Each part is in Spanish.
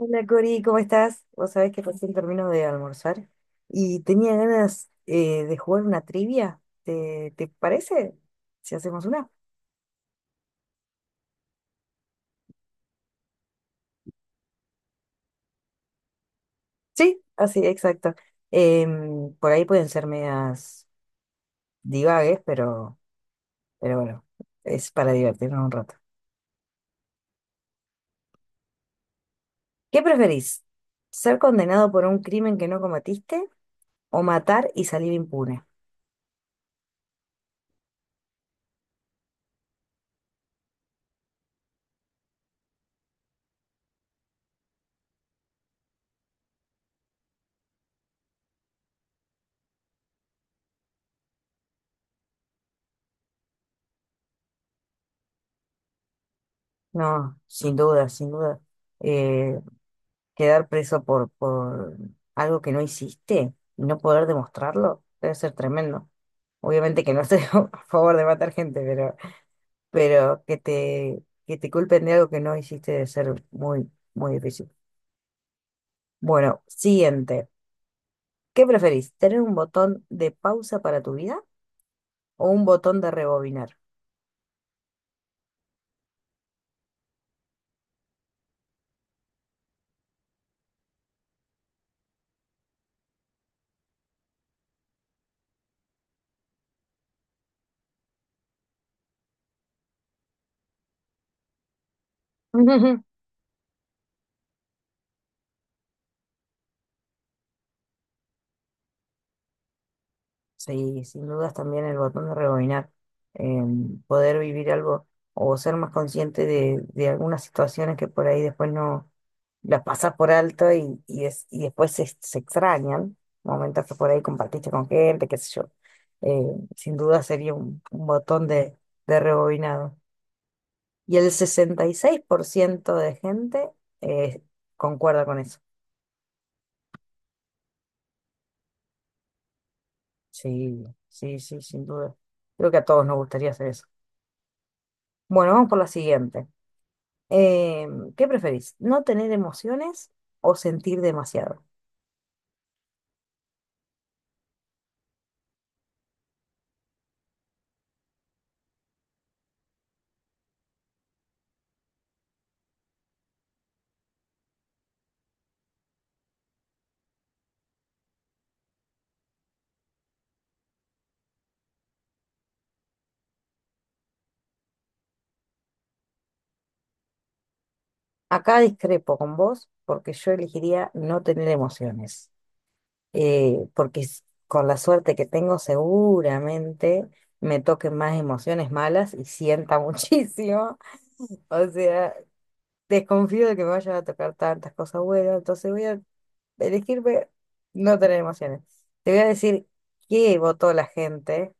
Hola Cori, ¿cómo estás? Vos sabés que recién termino de almorzar y tenía ganas de jugar una trivia. ¿Te parece? Si hacemos una. Sí, así, exacto. Por ahí pueden ser medias divagues, pero bueno, es para divertirnos un rato. ¿Qué preferís? ¿Ser condenado por un crimen que no cometiste o matar y salir impune? No, sin duda, sin duda. Eh, Quedar preso por algo que no hiciste y no poder demostrarlo debe ser tremendo. Obviamente que no estoy a favor de matar gente, pero que te culpen de algo que no hiciste debe ser muy, muy difícil. Bueno, siguiente. ¿Qué preferís? ¿Tener un botón de pausa para tu vida o un botón de rebobinar? Sí, sin dudas también el botón de rebobinar, eh, poder vivir algo o ser más consciente de algunas situaciones que por ahí después no las pasas por alto y después se extrañan, momentos que por ahí compartiste con gente, qué sé yo. Eh, Sin duda sería un botón de rebobinado. Y el 66% de gente eh, concuerda con eso. Sí, sí, sí, sin duda. Creo que a todos nos gustaría hacer eso. Bueno, vamos por la siguiente. Eh, ¿Qué preferís? ¿No tener emociones o sentir demasiado? Acá discrepo con vos porque yo elegiría no tener emociones, porque con la suerte que tengo seguramente me toquen más emociones malas y sienta muchísimo. O sea, desconfío de que me vayan a tocar tantas cosas buenas, entonces voy a elegirme no tener emociones. Te voy a decir qué votó la gente,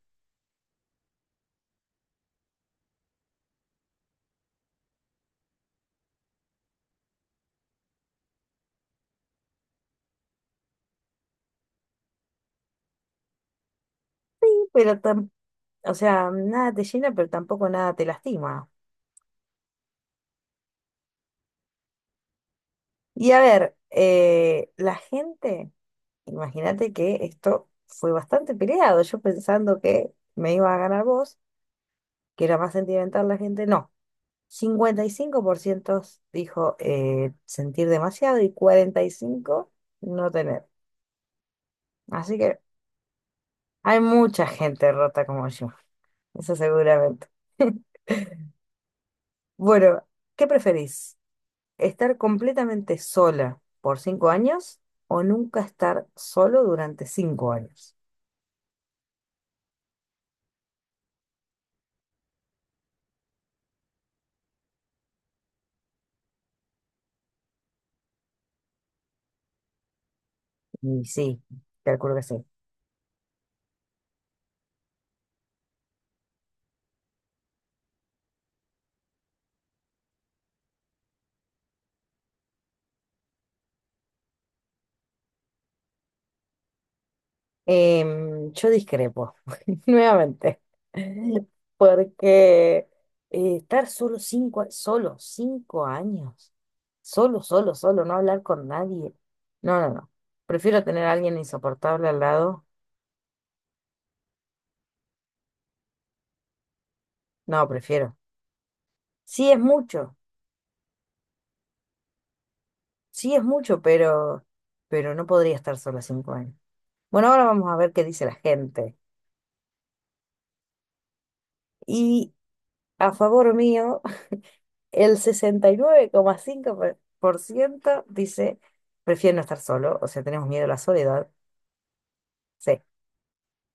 pero tampoco o sea, nada te llena, pero tampoco nada te lastima. Y a ver, la gente, imagínate que esto fue bastante peleado. Yo pensando que me iba a ganar vos, que era más sentimental la gente, no. 55% dijo sentir demasiado y 45% no tener. Así que hay mucha gente rota como yo, eso seguramente. Bueno, ¿qué preferís? ¿Estar completamente sola por 5 años o nunca estar solo durante 5 años? Y sí, calculo que sí. Yo discrepo, nuevamente, porque estar solo 5 años, solo, solo, solo, no hablar con nadie. No, no, no. Prefiero tener a alguien insoportable al lado. No, prefiero. Sí es mucho, sí es mucho, pero no podría estar sola 5 años. Bueno, ahora vamos a ver qué dice la gente. Y a favor mío, el sesenta y nueve coma cinco por ciento dice, prefiero no estar solo, o sea, tenemos miedo a la soledad. Sí.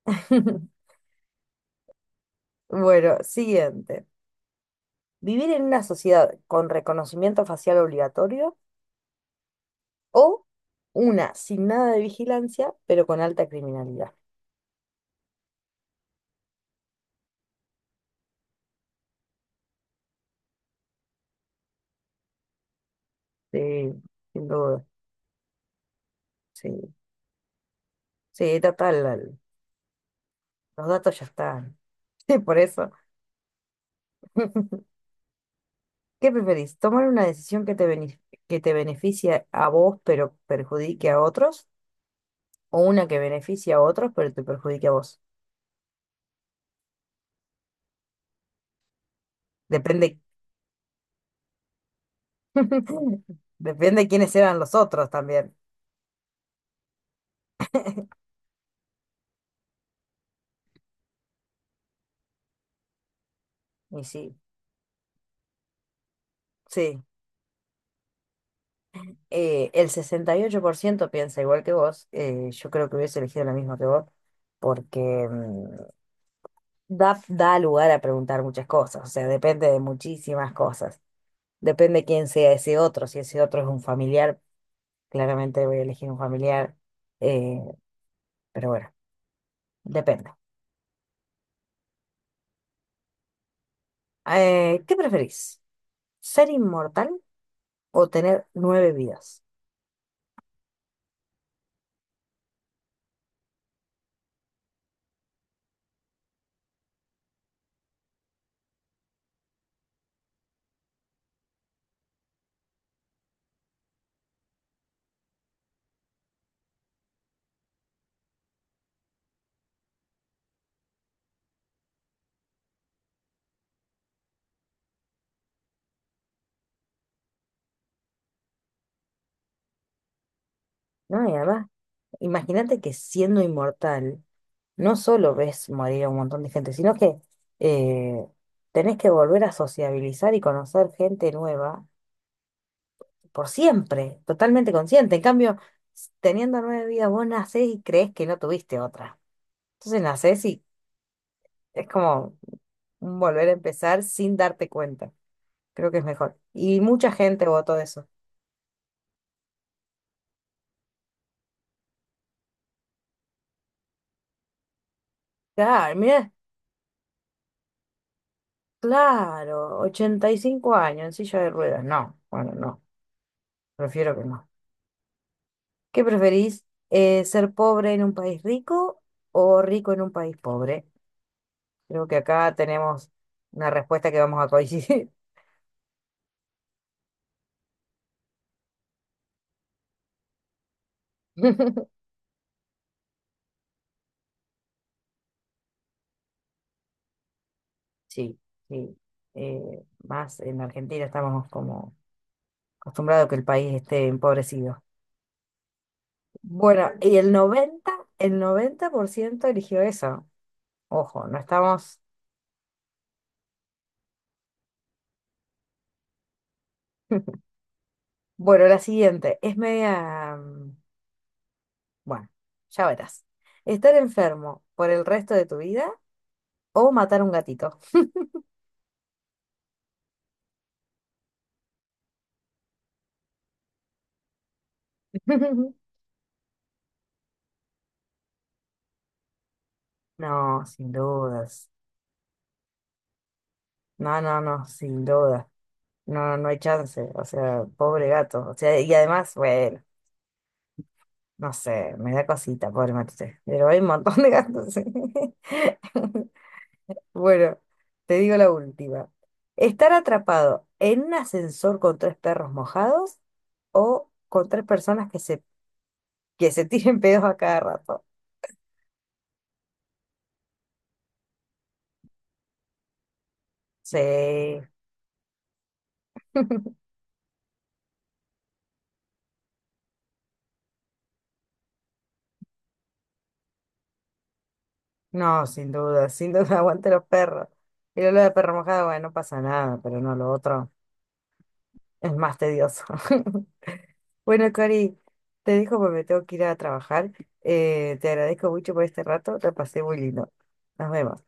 Bueno, siguiente. ¿Vivir en una sociedad con reconocimiento facial obligatorio o una sin nada de vigilancia, pero con alta criminalidad? Sí, sin duda. Sí, sí, total, los datos ya están. Sí, por eso. ¿Qué preferís? ¿Tomar una decisión que te beneficie a vos pero perjudique a otros? ¿O una que beneficie a otros pero te perjudique a vos? Depende, depende quiénes eran los otros también. Y sí, sí. El 68% piensa igual que vos. Yo creo que hubiese elegido la misma que vos porque mm, da lugar a preguntar muchas cosas. O sea, depende de muchísimas cosas. Depende quién sea ese otro, si ese otro es un familiar. Claramente voy a elegir un familiar, eh, pero bueno, depende. ¿Qué preferís? ¿Ser inmortal o tener nueve vidas? No, y además, imagínate que siendo inmortal, no solo ves morir a un montón de gente, sino que eh, tenés que volver a sociabilizar y conocer gente nueva por siempre, totalmente consciente. En cambio, teniendo nueve vidas, vos nacés y crees que no tuviste otra. Entonces nacés y es como volver a empezar sin darte cuenta. Creo que es mejor. Y mucha gente votó eso. Claro, mira, claro, 85 años en silla de ruedas. No, bueno, no, prefiero que no. ¿Qué preferís? ¿Ser pobre en un país rico o rico en un país pobre? Creo que acá tenemos una respuesta que vamos a coincidir. Sí, sí. Más en Argentina estamos como acostumbrados a que el país esté empobrecido. Bueno, y el noventa por ciento eligió eso. Ojo, no estamos... Bueno, la siguiente es media, bueno, ya verás. ¿Estar enfermo por el resto de tu vida o matar un gatito? No, sin dudas. No, no, no, sin dudas. No, no hay chance. O sea, pobre gato. O sea, y además, bueno, no sé, me da cosita, pobre Matute. Pero hay un montón de gatos. Bueno, te digo la última. ¿Estar atrapado en un ascensor con tres perros mojados o con tres personas que se tiren pedos a cada rato? Sí. No, sin duda, sin duda, aguante los perros. Y lo de perro mojado, bueno, no pasa nada, pero no, lo otro es más tedioso. Bueno, Cari, te dejo porque me tengo que ir a trabajar. Te agradezco mucho por este rato, te pasé muy lindo. Nos vemos.